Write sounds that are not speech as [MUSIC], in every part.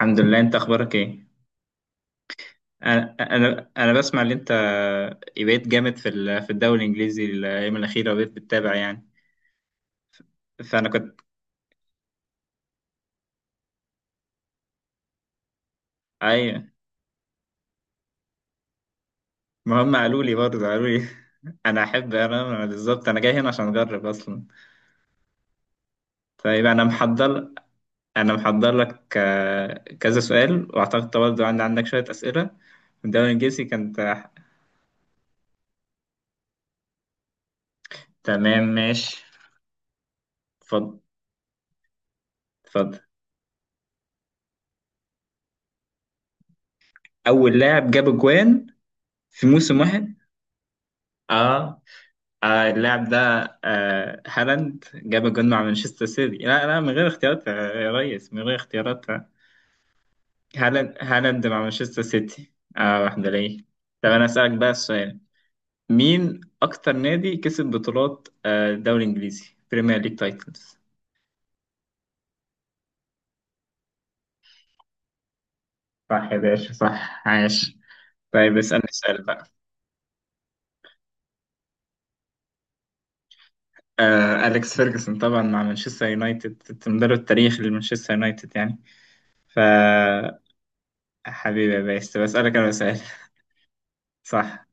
الحمد لله، انت اخبارك ايه؟ انا انا أنا بسمع ان انت بقيت جامد في الدوري الانجليزي الايام الاخيره، وبقيت بتتابع يعني. فانا كنت. ايوه، ما هم قالوا لي برضه قالوا لي [LAUGHS] انا احب انا أنا بالظبط، انا جاي هنا عشان اجرب اصلا. طيب، انا محضر لك، كذا سؤال، واعتقد برضه عندك شويه اسئله في الدوري الانجليزي كانت. تمام ماشي. اتفضل. اتفضل. اول لاعب جاب اجوان في موسم واحد. اه. اللاعب ده. هالاند جاب الجون مع مانشستر سيتي، لا لا، من غير اختيارات يا ريس، من غير اختيارات. هالاند مع مانشستر سيتي، واحدة ليه. طب انا اسألك بقى السؤال، مين اكتر نادي كسب بطولات الدوري الانجليزي، بريمير ليج تايتلز؟ صح يا باشا، صح، عاش. طيب اسألني سؤال بقى. أليكس فيرجسون طبعا مع مانشستر يونايتد، المدرب التاريخي لمانشستر يونايتد يعني. ف... حبيبي يا باشا، طب اسألك انا سؤال. [LAUGHS] صح.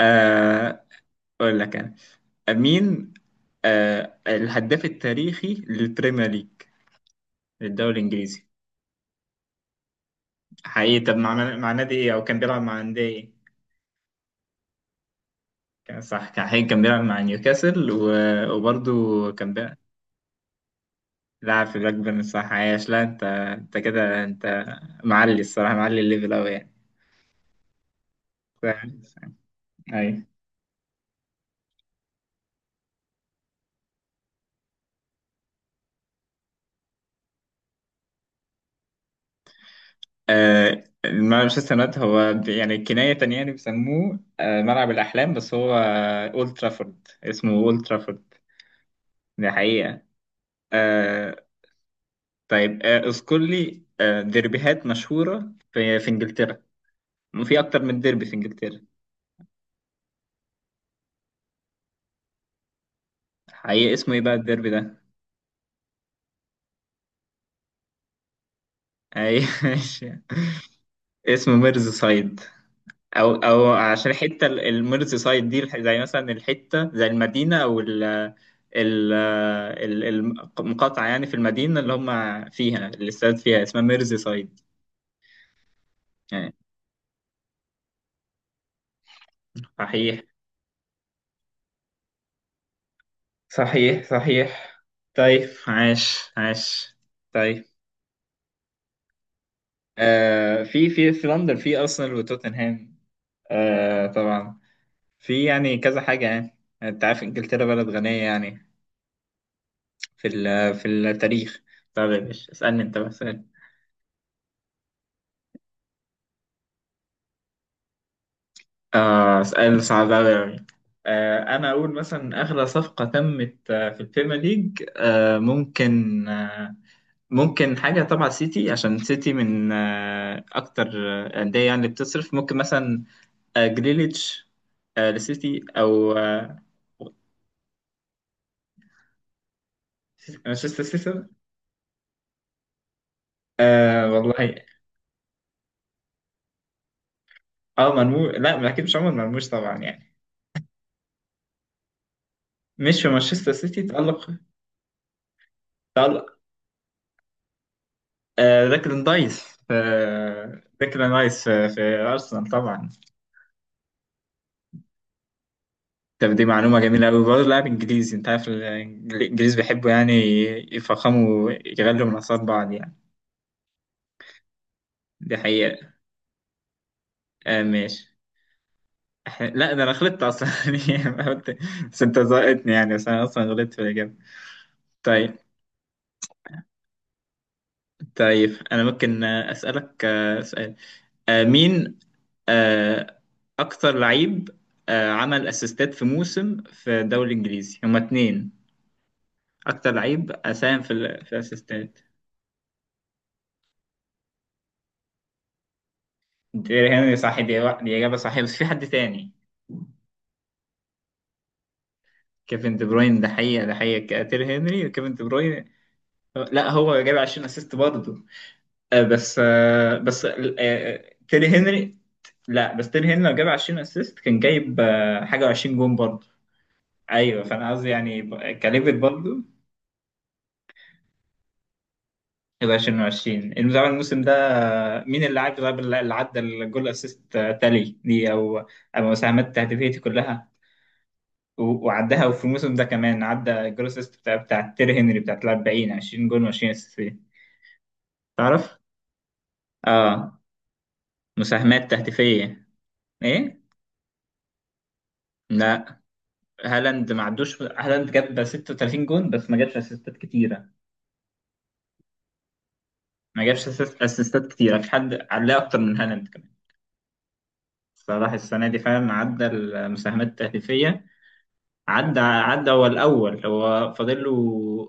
آه اقول لك انا، مين الهداف التاريخي للبريمير ليج للدوري الانجليزي؟ حقيقي، طب مع نادي ايه، او كان بيلعب مع نادي ايه؟ كان، صح، كان، حقيقي كان بيلعب مع نيوكاسل، وبرضه كان بيلعب. لعب في بلاكبيرن، صح، عايش. لا انت، انت كده، انت معلي الصراحه، معلي الليفل قوي يعني. [LAUGHS] صح. صح. ايوه. مانشستر يونايتد هو يعني كناية تانية يعني بيسموه ملعب الأحلام، بس هو أولد ترافورد، اسمه أولد ترافورد. دي حقيقة. آه طيب، اذكر لي ديربيهات مشهورة في انجلترا، في اكتر من ديربي في انجلترا. حقيقة اسمه ايه بقى الديربي ده؟ اي [LAUGHS] ماشي. اسمه ميرز سايد، او او عشان الحتة الميرز سايد دي زي مثلا الحتة، زي المدينة او ال... المقاطعة يعني، في المدينة اللي هم فيها، اللي استاد فيها اسمها ميرز سايد، يعني. صحيح. صحيح، صحيح. طيب عاش، عاش. طيب، في في لندن، في ارسنال وتوتنهام، طبعا. في يعني كذا حاجه يعني، انت عارف انجلترا بلد غنيه يعني، في التاريخ. طب يا باشا اسالني انت بقى، اسال صعب قوي يعني. انا اقول مثلا اغلى صفقه تمت في البريمير ليج، ممكن، ممكن حاجه، طبعا سيتي عشان سيتي من اكتر انديه يعني اللي بتصرف، ممكن مثلا جريليتش لسيتي، او مانشستر سيتي. والله. اه مرموش؟ لا، ما اكيد مش عمر مرموش طبعا يعني. مش في مانشستر سيتي تألق، تألق. ديكلان رايس في ارسنال طبعا. طب دي معلومه جميله قوي، برضه لاعب انجليزي، انت عارف الانجليز بيحبوا يعني يفخموا، يغلوا من اصابع بعض يعني. دي حقيقه. ماشي. لا، ده انا غلطت اصلا. [LAUGHS] يعني بس انت زقتني يعني، بس انا اصلا غلطت في الاجابه. طيب. طيب انا ممكن اسالك سؤال، مين آه، أكتر لعيب عمل أسيستات في موسم في الدوري الإنجليزي، هما اتنين، أكتر لعيب ساهم في الأسيستات. دي هنري، صح، دي دي إجابة صحيحة، بس في حد تاني. كيفن دي بروين، ده حقيقة، ده حقيقة تير هنري كيفن دي بروين. لا، هو جاب 20 أسيست برضه، بس تير هنري. لا بس تير هنري لو جاب 20 أسيست، كان جايب حاجة، و20 جون برضه. ايوه، فانا قصدي يعني كليفت برضه، يبقى 2020 المدافع الموسم ده. مين اللي عدى؟ طيب، اللي عدى الجول اسيست تالي دي، او مساهمات تهديفيتي كلها وعدها، وفي الموسم ده كمان عدى الجول اسيست بتاع تيري هنري بتاعت 40، 20 جول و20 اسيست فيه. تعرف؟ اه. مساهمات تهديفية. ايه؟ لا. هالاند ما عدوش، هالاند جاب 36 جول بس ما جابش اسيستات كتيرة، ما جابش اسيستات كتيرة، في حد عليه اكتر من هالاند كمان. صلاح السنة دي فعلا عدى المساهمات التهديفية، عدى هو الأول، هو فاضل له.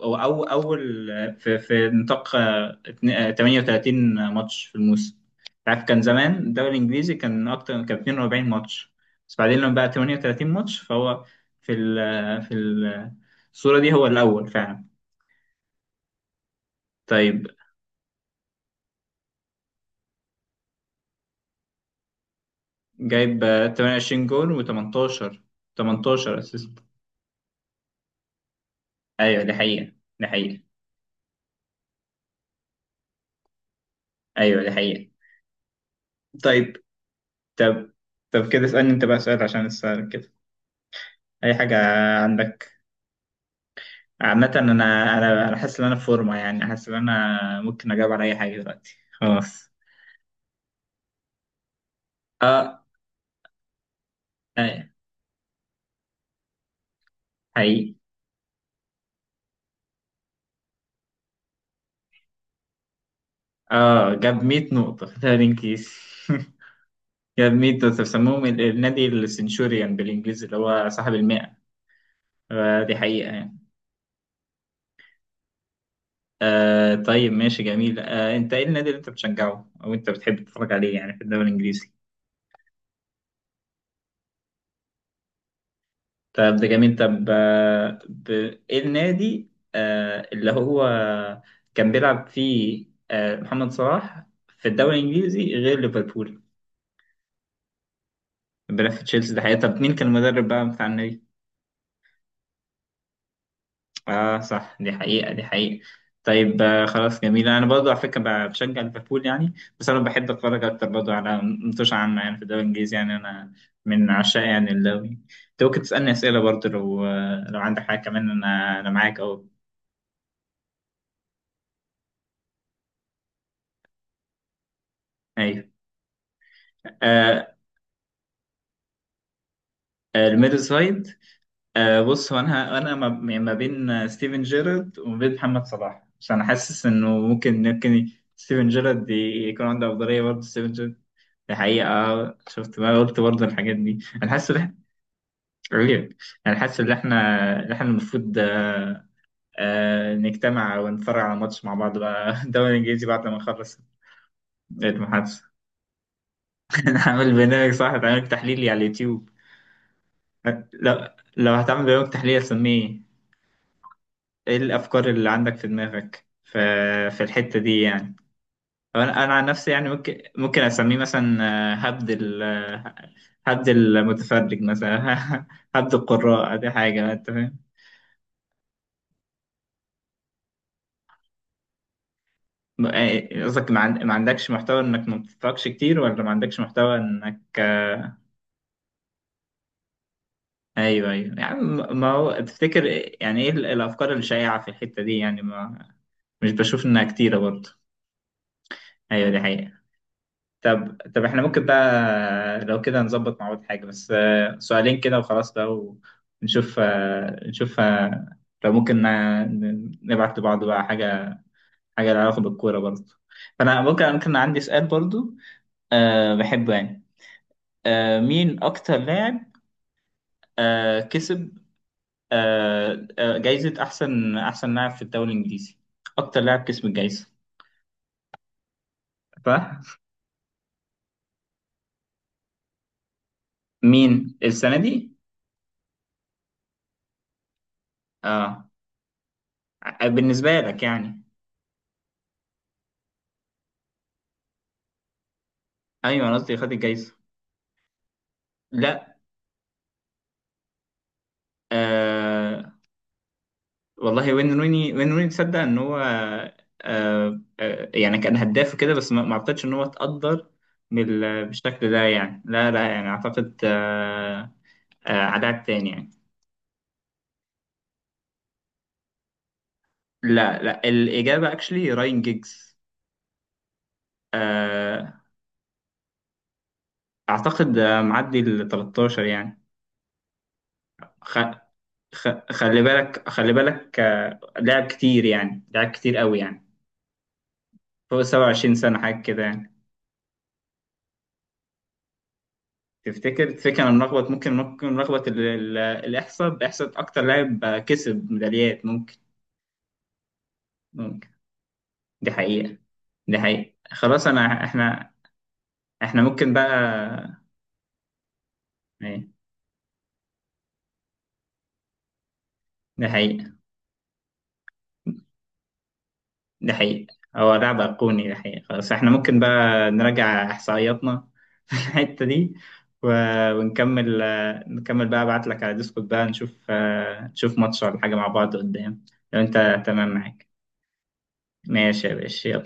هو أول في نطاق 38 ماتش في الموسم. عارف كان زمان الدوري الإنجليزي كان أكتر، كان 42 ماتش، بس بعدين لما بقى 38 ماتش فهو في الصورة دي هو الأول فعلا. طيب جايب 28 جول و18 18 أسيست. أيوه دي حقيقة. دي حقيقة، أيوه دي حقيقة. طيب. طب. طب كده اسألني أنت بقى سؤال عشان أسألك كده اي حاجه عندك. عامه انا، انا حاسس ان انا في فورمه يعني، حاسس ان انا ممكن اجاوب على اي حاجه دلوقتي خلاص. اه. أي- حقيقي. اه جاب 100 نقطه في تمرين كيس. [LAUGHS] جاب 100 نقطه، بيسموهم النادي السنشوريان بالانجليزي، اللي هو صاحب المئة، دي حقيقه يعني. طيب ماشي، جميل. انت ايه النادي اللي انت بتشجعه، او انت بتحب تتفرج عليه يعني في الدوري الانجليزي؟ طب ده جميل. طب، ب... ايه النادي اللي هو كان بيلعب فيه محمد صلاح في الدوري الانجليزي غير ليفربول؟ بيلعب في تشيلسي، ده حقيقة. طب مين كان المدرب بقى بتاع النادي؟ اه صح، دي حقيقة، دي حقيقة. طيب، خلاص جميل، انا برضه على فكرة بشجع ليفربول يعني، بس انا بحب اتفرج اكتر برضه على ماتش عامة يعني في الدوري الانجليزي، يعني انا من عشاق يعني الدوري. انت ممكن تسألني اسئلة برضه، لو لو عندك حاجة كمان، انا معاك اهو. ايوه. آه، الميد سايد. بص، هو انا، ما يعني ما بين ستيفن جيرارد وما بين محمد صلاح، عشان انا حاسس انه ممكن ستيفن جيرارد يكون عنده افضليه برضه ستيفن جيرارد. دي حقيقه. شفت ما قلت برضه الحاجات دي، انا حاسس ان عيب. انا حاسس ان احنا، ان احنا المفروض نجتمع ونتفرج على ماتش مع بعض بقى. [LAUGHS] الدوري الانجليزي بعد ما نخلص المحادثه. [LAUGHS] نعمل برنامج، صح، نعمل تحليلي على اليوتيوب. لو هتعمل برنامج تحليل، اسميه ايه؟ الافكار اللي عندك في دماغك في الحتة دي يعني؟ أو انا عن نفسي يعني ممكن اسميه مثلا هبد ال آه، هبد المتفرج مثلا. [LAUGHS] هبد القراء، دي حاجة، انت فاهم؟ قصدك ما عندكش محتوى انك ما بتتفرجش كتير، ولا ما عندكش محتوى انك ايوه ايوه يعني. ما هو تفتكر يعني ايه الافكار الشائعة في الحتة دي يعني؟ ما مش بشوف انها كتيرة برضه. ايوه دي حقيقة. طب احنا ممكن بقى لو كده نظبط مع بعض حاجة، بس سؤالين كده وخلاص بقى، ونشوف آه، نشوف آه، لو ممكن نبعت لبعض بقى حاجة، حاجة لها علاقة بالكورة برضه. فأنا ممكن عندي سؤال برضه، أه بحبه يعني. أه مين أكتر لاعب أه كسب أه جايزة أحسن لاعب في الدوري الإنجليزي، أكتر لاعب كسب الجايزة؟ فمين السنة دي؟ أه بالنسبة لك يعني؟ أيوه أنا قصدي خد الجايزة. لا. آه والله، وين روني، وين روني، تصدق ان هو يعني كان هداف وكده، بس ما اعتقدش ان هو اتقدر بالشكل ده يعني، لا لا يعني اعتقد عدد تاني يعني. لا لا، الاجابه اكشلي راين جيجز. آه اعتقد معدي ال 13 يعني. خ... خ... خلي بالك، خلي بالك، لعب كتير يعني، لعب كتير قوي يعني، فوق 27 سنه حاجه كده يعني. تفتكر انا ملخبط، ممكن ملخبط الاحصاء، احصاء اكتر لاعب كسب ميداليات ممكن. ممكن، دي حقيقة، دي حقيقة. خلاص انا، احنا ممكن بقى. ايه؟ دي حقيقة، دي حقيقة، هو لاعب ايقوني، دي حقيقة. خلاص احنا ممكن بقى نراجع احصائياتنا، [LAUGHS] في الحتة دي، ونكمل آه، نكمل بقى، ابعت لك على ديسكورد بقى نشوف نشوف ماتش ولا حاجة مع بعض قدام. لو انت تمام معاك، ماشي يا باشا، يلا.